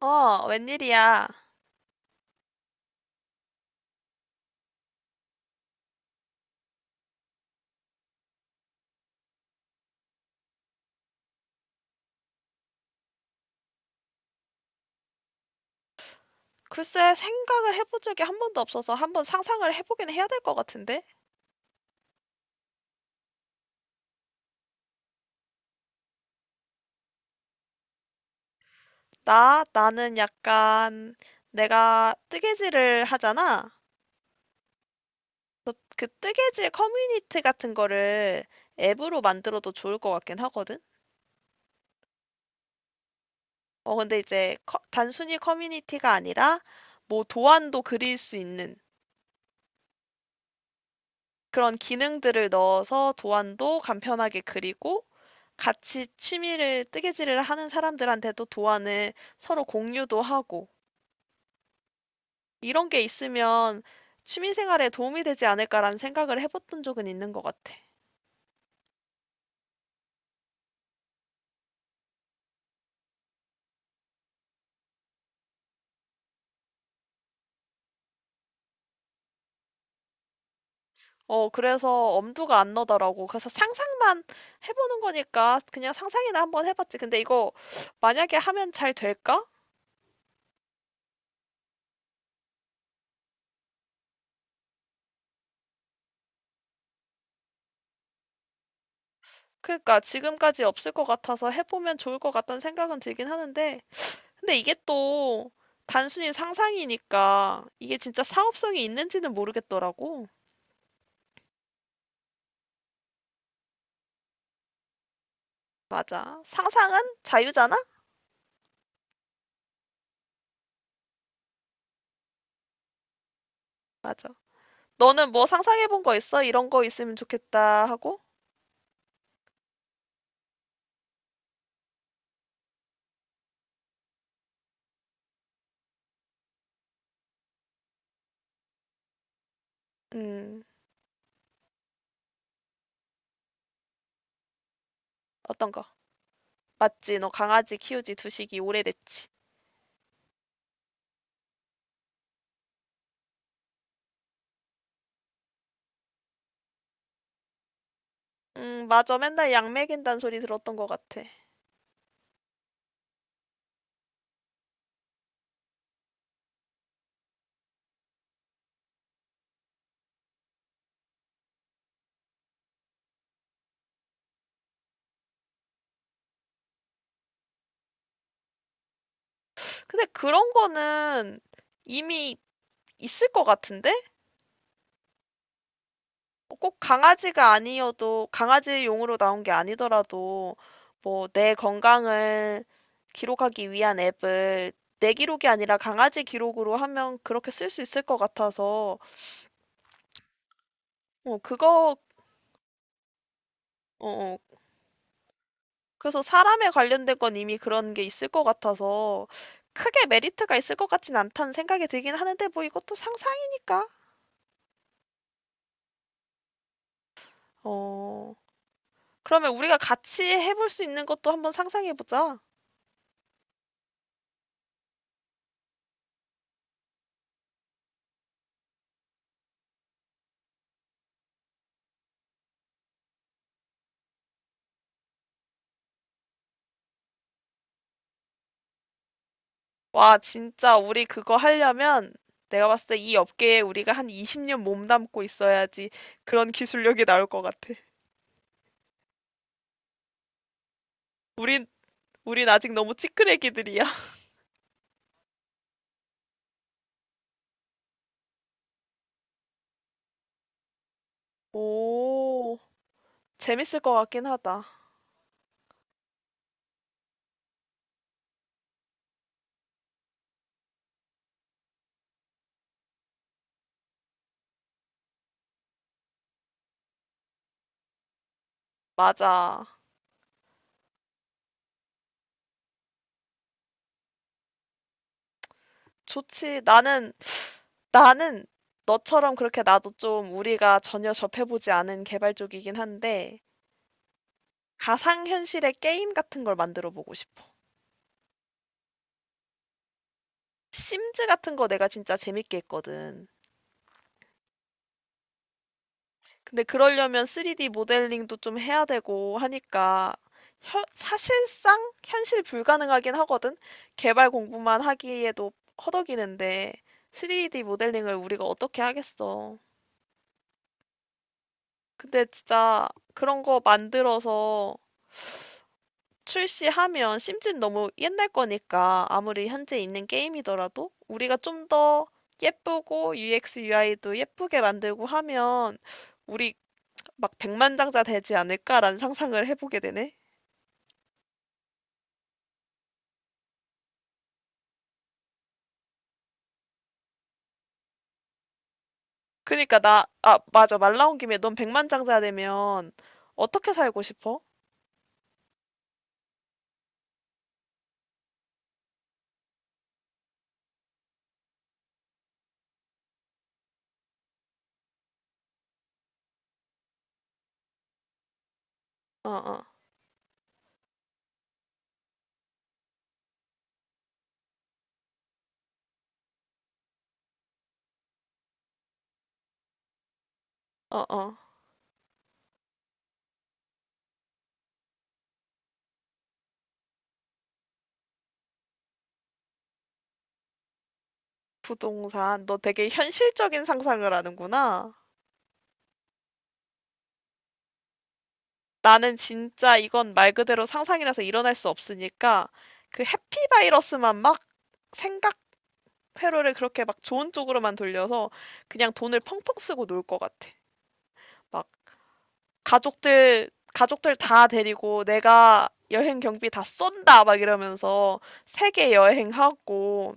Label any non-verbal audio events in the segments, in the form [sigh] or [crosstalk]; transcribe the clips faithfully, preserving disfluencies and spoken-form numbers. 어, 웬일이야. 글쎄, 생각을 해본 적이 한 번도 없어서 한번 상상을 해보긴 해야 될 것 같은데? 나, 나는 약간, 내가 뜨개질을 하잖아? 그, 그 뜨개질 커뮤니티 같은 거를 앱으로 만들어도 좋을 것 같긴 하거든? 어, 근데 이제 커- 단순히 커뮤니티가 아니라, 뭐 도안도 그릴 수 있는 그런 기능들을 넣어서 도안도 간편하게 그리고, 같이 취미를 뜨개질을 하는 사람들한테도 도안을 서로 공유도 하고 이런 게 있으면 취미 생활에 도움이 되지 않을까라는 생각을 해봤던 적은 있는 것 같아. 어, 그래서 엄두가 안 나더라고. 그래서 상상만 해보는 거니까 그냥 상상이나 한번 해봤지. 근데 이거 만약에 하면 잘 될까? 그러니까 지금까지 없을 것 같아서 해보면 좋을 것 같다는 생각은 들긴 하는데, 근데 이게 또 단순히 상상이니까 이게 진짜 사업성이 있는지는 모르겠더라고. 맞아. 상상은 자유잖아? 맞아. 너는 뭐 상상해본 거 있어? 이런 거 있으면 좋겠다 하고? 음, 어떤 거? 맞지, 너 강아지 키우지 두식이 오래됐지. 음, 맞아. 맨날 약 먹인단 소리 들었던 것 같아. 근데 그런 거는 이미 있을 것 같은데? 꼭 강아지가 아니어도 강아지용으로 나온 게 아니더라도 뭐 내 건강을 기록하기 위한 앱을 내 기록이 아니라 강아지 기록으로 하면 그렇게 쓸 수 있을 것 같아서 어 그거 어 어 그래서 사람에 관련된 건 이미 그런 게 있을 것 같아서 크게 메리트가 있을 것 같진 않다는 생각이 들긴 하는데 뭐 이것도 상상이니까. 어. 그러면 우리가 같이 해볼 수 있는 것도 한번 상상해 보자. 와, 진짜 우리 그거 하려면 내가 봤을 때 이 업계에 우리가 한 이십 년 몸담고 있어야지 그런 기술력이 나올 것 같아. 우린, 우린 아직 너무 찌끄레기들이야. [laughs] 오, 재밌을 것 같긴 하다. 맞아. 좋지. 나는, 나는 너처럼 그렇게 나도 좀 우리가 전혀 접해보지 않은 개발 쪽이긴 한데 가상현실의 게임 같은 걸 만들어 보고 싶어. 심즈 같은 거 내가 진짜 재밌게 했거든. 근데 그러려면 쓰리디 모델링도 좀 해야 되고 하니까 현- 사실상 현실 불가능하긴 하거든. 개발 공부만 하기에도 허덕이는데 쓰리디 모델링을 우리가 어떻게 하겠어. 근데 진짜 그런 거 만들어서 출시하면 심지어 너무 옛날 거니까 아무리 현재 있는 게임이더라도 우리가 좀 더 예쁘고 유엑스, 유아이도 예쁘게 만들고 하면 우리 막 백만장자 되지 않을까라는 상상을 해보게 되네. 그니까 나, 아, 맞아. 말 나온 김에 넌 백만장자 되면 어떻게 살고 싶어? 어, 어, 어, 어. 부동산. 너 되게 현실적인 상상을 하는구나. 나는 진짜 이건 말 그대로 상상이라서 일어날 수 없으니까 그 해피바이러스만 막 생각 회로를 그렇게 막 좋은 쪽으로만 돌려서 그냥 돈을 펑펑 쓰고 놀 것 같아. 가족들 가족들 다 데리고 내가 여행 경비 다 쏜다 막 이러면서 세계 여행하고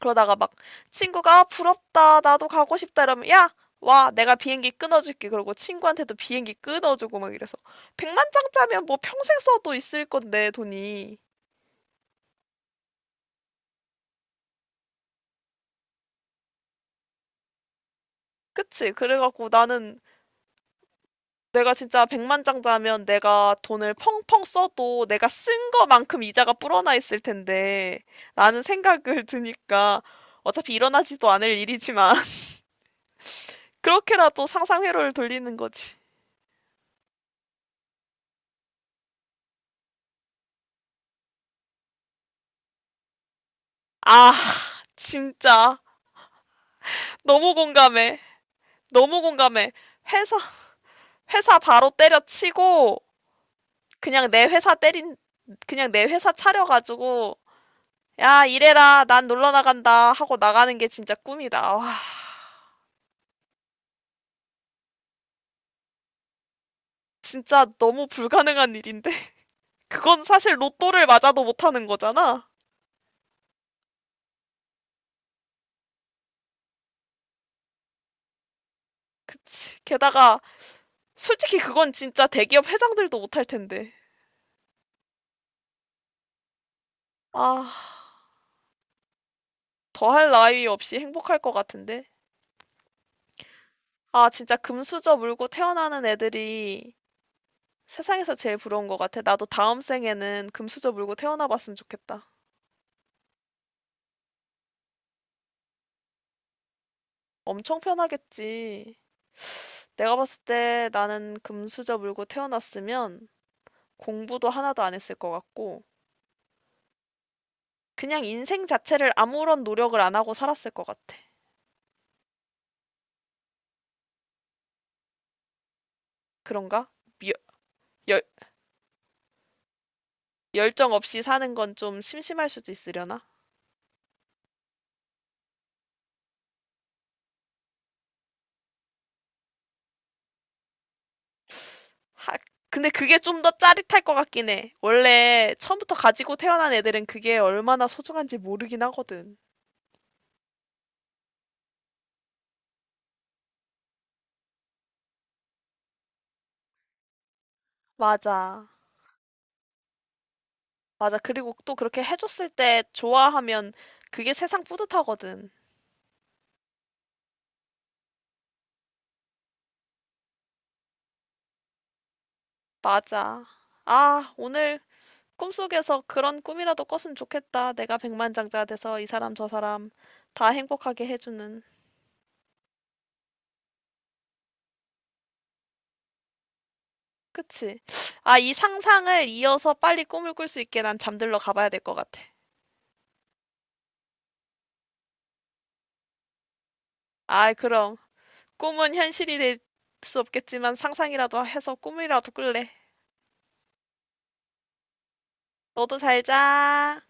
그러다가 막 친구가 아, 부럽다 나도 가고 싶다 이러면 야 와, 내가 비행기 끊어줄게. 그러고 친구한테도 비행기 끊어주고 막 이래서. 백만 장짜면 뭐 평생 써도 있을 건데, 돈이. 그치? 그래갖고 나는 내가 진짜 백만장자면 내가 돈을 펑펑 써도 내가 쓴 거만큼 이자가 불어나 있을 텐데 라는 생각을 드니까 어차피 일어나지도 않을 일이지만 [laughs] 그렇게라도 상상 회로를 돌리는 거지. 아, 진짜 너무 공감해. 너무 공감해. 회사 회사 바로 때려치고 그냥 내 회사 때린 그냥 내 회사 차려가지고 야, 이래라. 난 놀러 나간다 하고 나가는 게 진짜 꿈이다. 와. 진짜 너무 불가능한 일인데. [laughs] 그건 사실 로또를 맞아도 못하는 거잖아. 그치. 게다가 솔직히 그건 진짜 대기업 회장들도 못할 텐데. 아, 더할 나위 없이 행복할 것 같은데. 아, 진짜 금수저 물고 태어나는 애들이 세상에서 제일 부러운 것 같아. 나도 다음 생에는 금수저 물고 태어나 봤으면 좋겠다. 엄청 편하겠지. 내가 봤을 때 나는 금수저 물고 태어났으면 공부도 하나도 안 했을 것 같고, 그냥 인생 자체를 아무런 노력을 안 하고 살았을 것 같아. 그런가? 미- 열, 열정 없이 사는 건 좀 심심할 수도 있으려나? 하, 근데 그게 좀 더 짜릿할 것 같긴 해. 원래 처음부터 가지고 태어난 애들은 그게 얼마나 소중한지 모르긴 하거든. 맞아. 맞아. 그리고 또 그렇게 해줬을 때 좋아하면 그게 세상 뿌듯하거든. 맞아. 아, 오늘 꿈속에서 그런 꿈이라도 꿨으면 좋겠다. 내가 백만장자 돼서 이 사람 저 사람 다 행복하게 해주는. 그치? 아, 이 상상을 이어서 빨리 꿈을 꿀 수 있게 난 잠들러 가봐야 될 것 같아. 아, 그럼. 꿈은 현실이 될 수 없겠지만 상상이라도 해서 꿈이라도 꿀래. 너도 잘 자.